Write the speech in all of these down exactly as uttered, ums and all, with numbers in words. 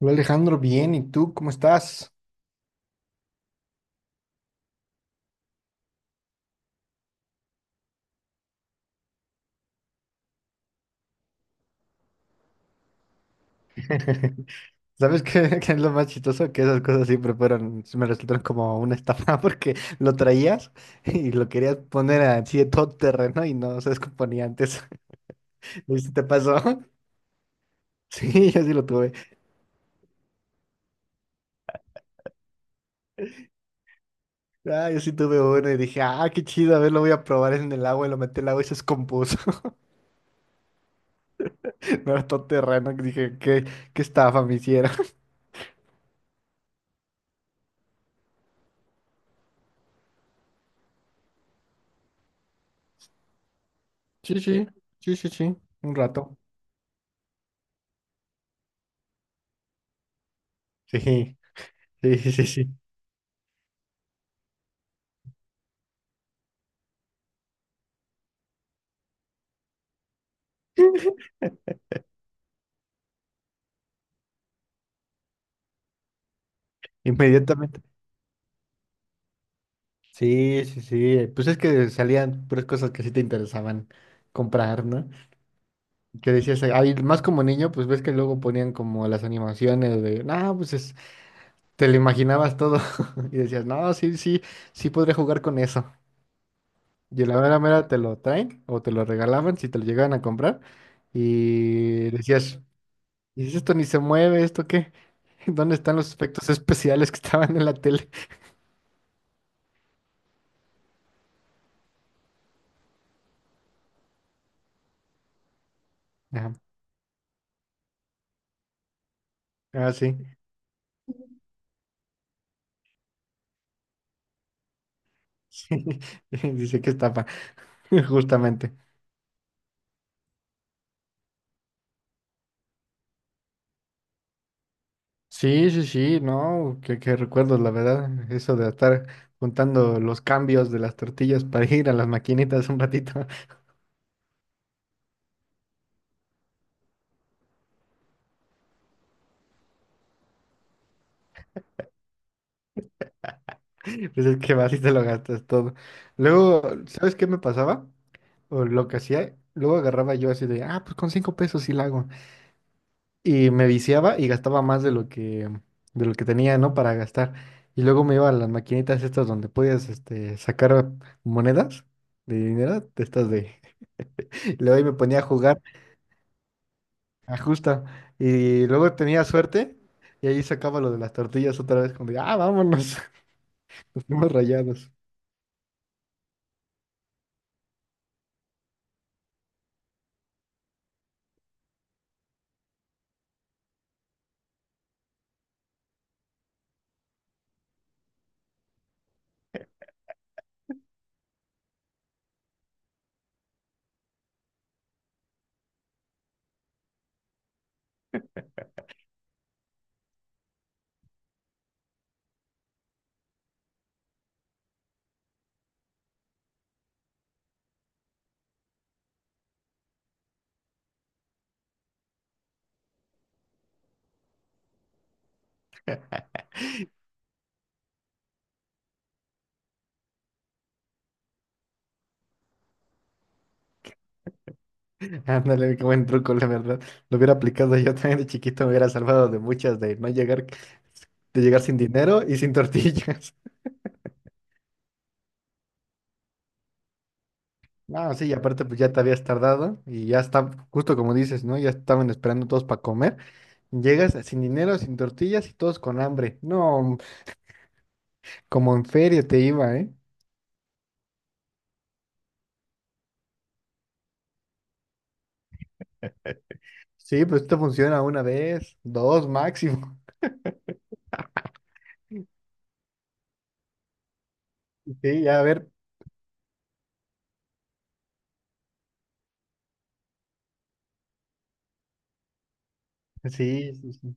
Hola Alejandro, bien, ¿y tú cómo estás? ¿Sabes qué, qué es lo más chistoso? Que esas cosas siempre fueron, me resultaron como una estafa porque lo traías y lo querías poner así de todo terreno y no se descomponía antes. ¿Y si te pasó? Sí, yo sí lo tuve. Ah, yo sí tuve uno y dije, ah, qué chido, a ver, lo voy a probar en el agua y lo metí al agua y se descompuso. No era todo terreno, que dije, qué, qué estafa me hicieron. Sí, sí, sí, sí, sí, un rato. Sí, sí, sí, sí, sí. Inmediatamente. Sí, sí, sí. Pues es que salían puras cosas que sí te interesaban comprar, ¿no? Que decías, ay, más como niño, pues ves que luego ponían como las animaciones de, no, pues es- te lo imaginabas todo. Y decías, no, sí, sí, sí podría jugar con eso. Y a la mera mera te lo traen o te lo regalaban si te lo llegaban a comprar. Y decías, ¿y si esto ni se mueve? ¿Esto qué? ¿Dónde están los efectos especiales que estaban en la tele? Ah, ah, sí. Sí. Dice que estafa, justamente. Sí, sí, sí, no, qué, qué recuerdos, la verdad, eso de estar juntando los cambios de las tortillas para ir a las maquinitas un ratito, pues es que vas y te lo gastas todo. Luego, ¿sabes qué me pasaba? O lo que hacía, luego agarraba yo así de, ah, pues con cinco pesos sí la hago. Y me viciaba y gastaba más de lo que, de lo que tenía, ¿no? Para gastar. Y luego me iba a las maquinitas estas donde podías, este, sacar monedas de dinero, de estas de... Y luego ahí me ponía a jugar. Ajusta Y luego tenía suerte y ahí sacaba lo de las tortillas otra vez, como de, ah, vámonos, nos fuimos rayados. Ándale, qué buen truco, la verdad. Lo hubiera aplicado yo también de chiquito, me hubiera salvado de muchas, de no llegar, de llegar sin dinero y sin tortillas. No, sí, y aparte pues ya te habías tardado y ya está, justo como dices, ¿no? Ya estaban esperando todos para comer. Llegas sin dinero, sin tortillas y todos con hambre. No, como en feria te iba, ¿eh? Sí, pues esto funciona una vez, dos máximo. Sí, a ver, sí, sí, sí.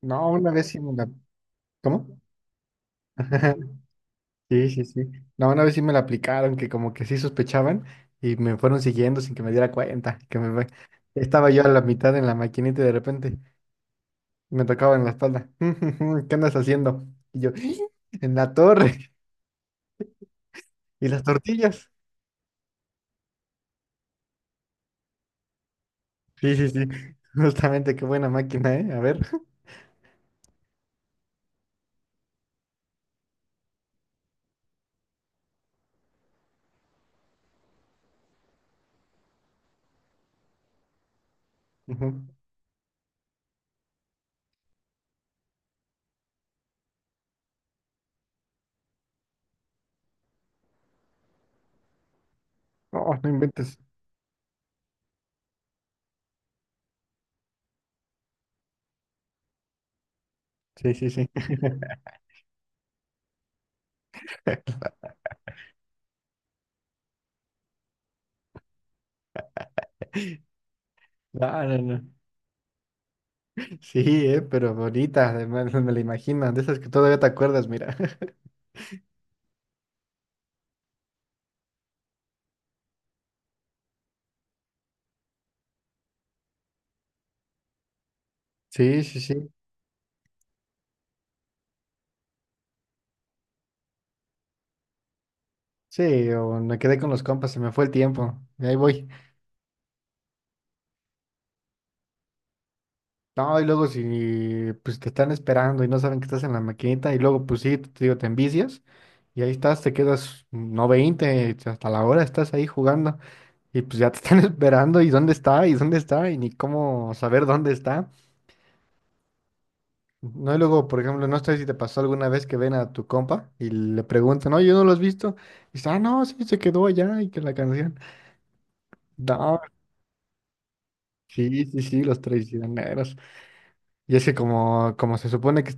No, una vez sí me la... ¿Cómo? Sí, sí, sí. No, una vez sí me la aplicaron, que como que sí sospechaban y me fueron siguiendo sin que me diera cuenta, que me... fue- estaba yo a la mitad en la maquinita y de repente me tocaban la espalda. ¿Qué andas haciendo? Y yo, en la torre y las tortillas. Sí, sí, sí. Justamente, qué buena máquina, ¿eh? A ver. Ujú. No, no inventes. Sí, sí, sí. No, no, no. Sí, eh, pero bonita, además me la imagino, de esas que todavía te acuerdas, mira. Sí, sí, sí. Sí, o me quedé con los compas, se me fue el tiempo. Y ahí voy. No, y luego si pues te están esperando y no saben que estás en la maquinita, y luego pues sí, te digo, te envicias, y ahí estás, te quedas mm, no veinte hasta la hora estás ahí jugando, y pues ya te están esperando, y dónde está, y dónde está, y ni cómo saber dónde está. No, y luego, por ejemplo, no sé si te pasó alguna vez que ven a tu compa y le preguntan, no, yo no lo has visto. Y dice, ah, no, sí, se quedó allá y que la canción. No, sí, sí, sí, los traicioneros. Y es que como, como se supone que...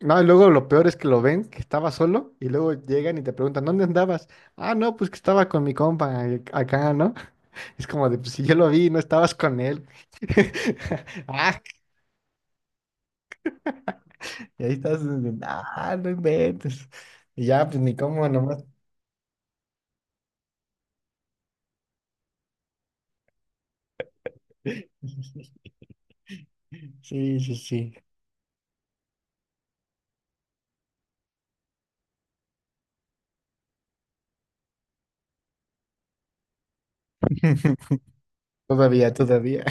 No, y luego lo peor es que lo ven, que estaba solo, y luego llegan y te preguntan, ¿dónde andabas? Ah, no, pues que estaba con mi compa eh, acá, ¿no? Es como de, pues si yo lo vi, no estabas con él. Ah, y ahí estás, ah, no inventes. Y ya, pues ni cómo, nomás. Sí, sí, sí. Todavía, todavía.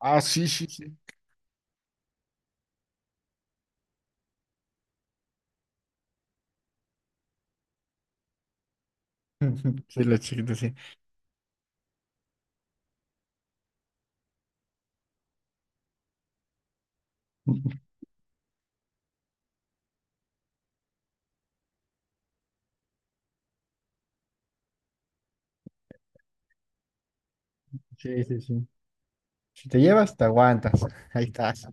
Ah, sí, sí, sí. Sí, los chiquitos, sí. Sí, sí, sí. Si te llevas, te aguantas. Ahí estás.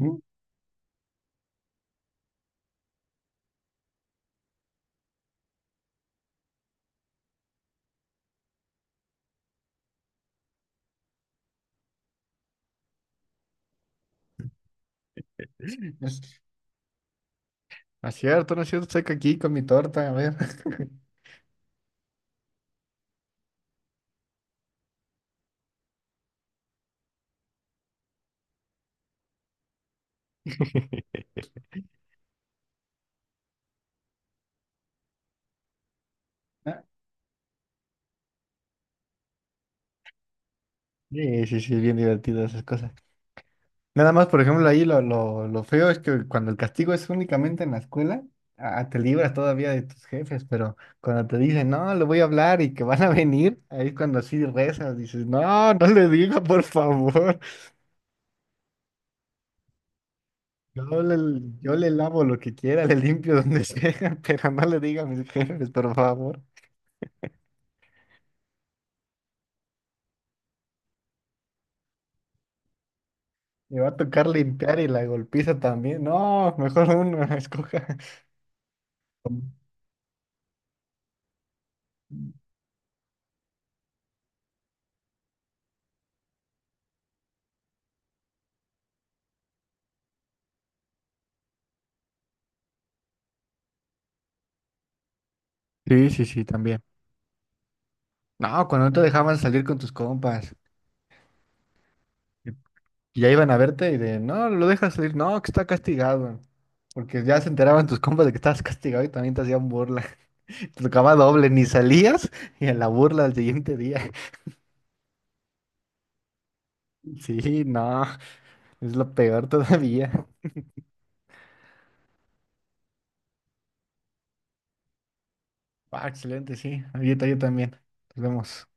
Mm. No es no es cierto, no es cierto. Estoy aquí con mi torta, a ver. Ah, sí, sí, sí, bien divertido esas cosas. Nada más, por ejemplo, ahí lo, lo, lo feo es que cuando el castigo es únicamente en la escuela, ah, te libras todavía de tus jefes, pero cuando te dicen, no, le voy a hablar y que van a venir, ahí es cuando así rezas, dices, no, no le diga, por favor, yo le, yo le lavo lo que quiera, le limpio donde sea, pero no le diga a mis jefes, por favor. Me va a tocar limpiar y la golpiza también. No, mejor uno, escoja. Sí, sí, sí, también. No, cuando no te dejaban salir con tus compas. Y ya iban a verte y de, no, lo dejas salir, no, que está castigado. Porque ya se enteraban tus compas de que estabas castigado y también te hacían burla. Te tocaba doble, ni salías y en la burla al siguiente día. Sí, no, es lo peor todavía. Ah, excelente, sí. Ahorita yo también. Nos vemos.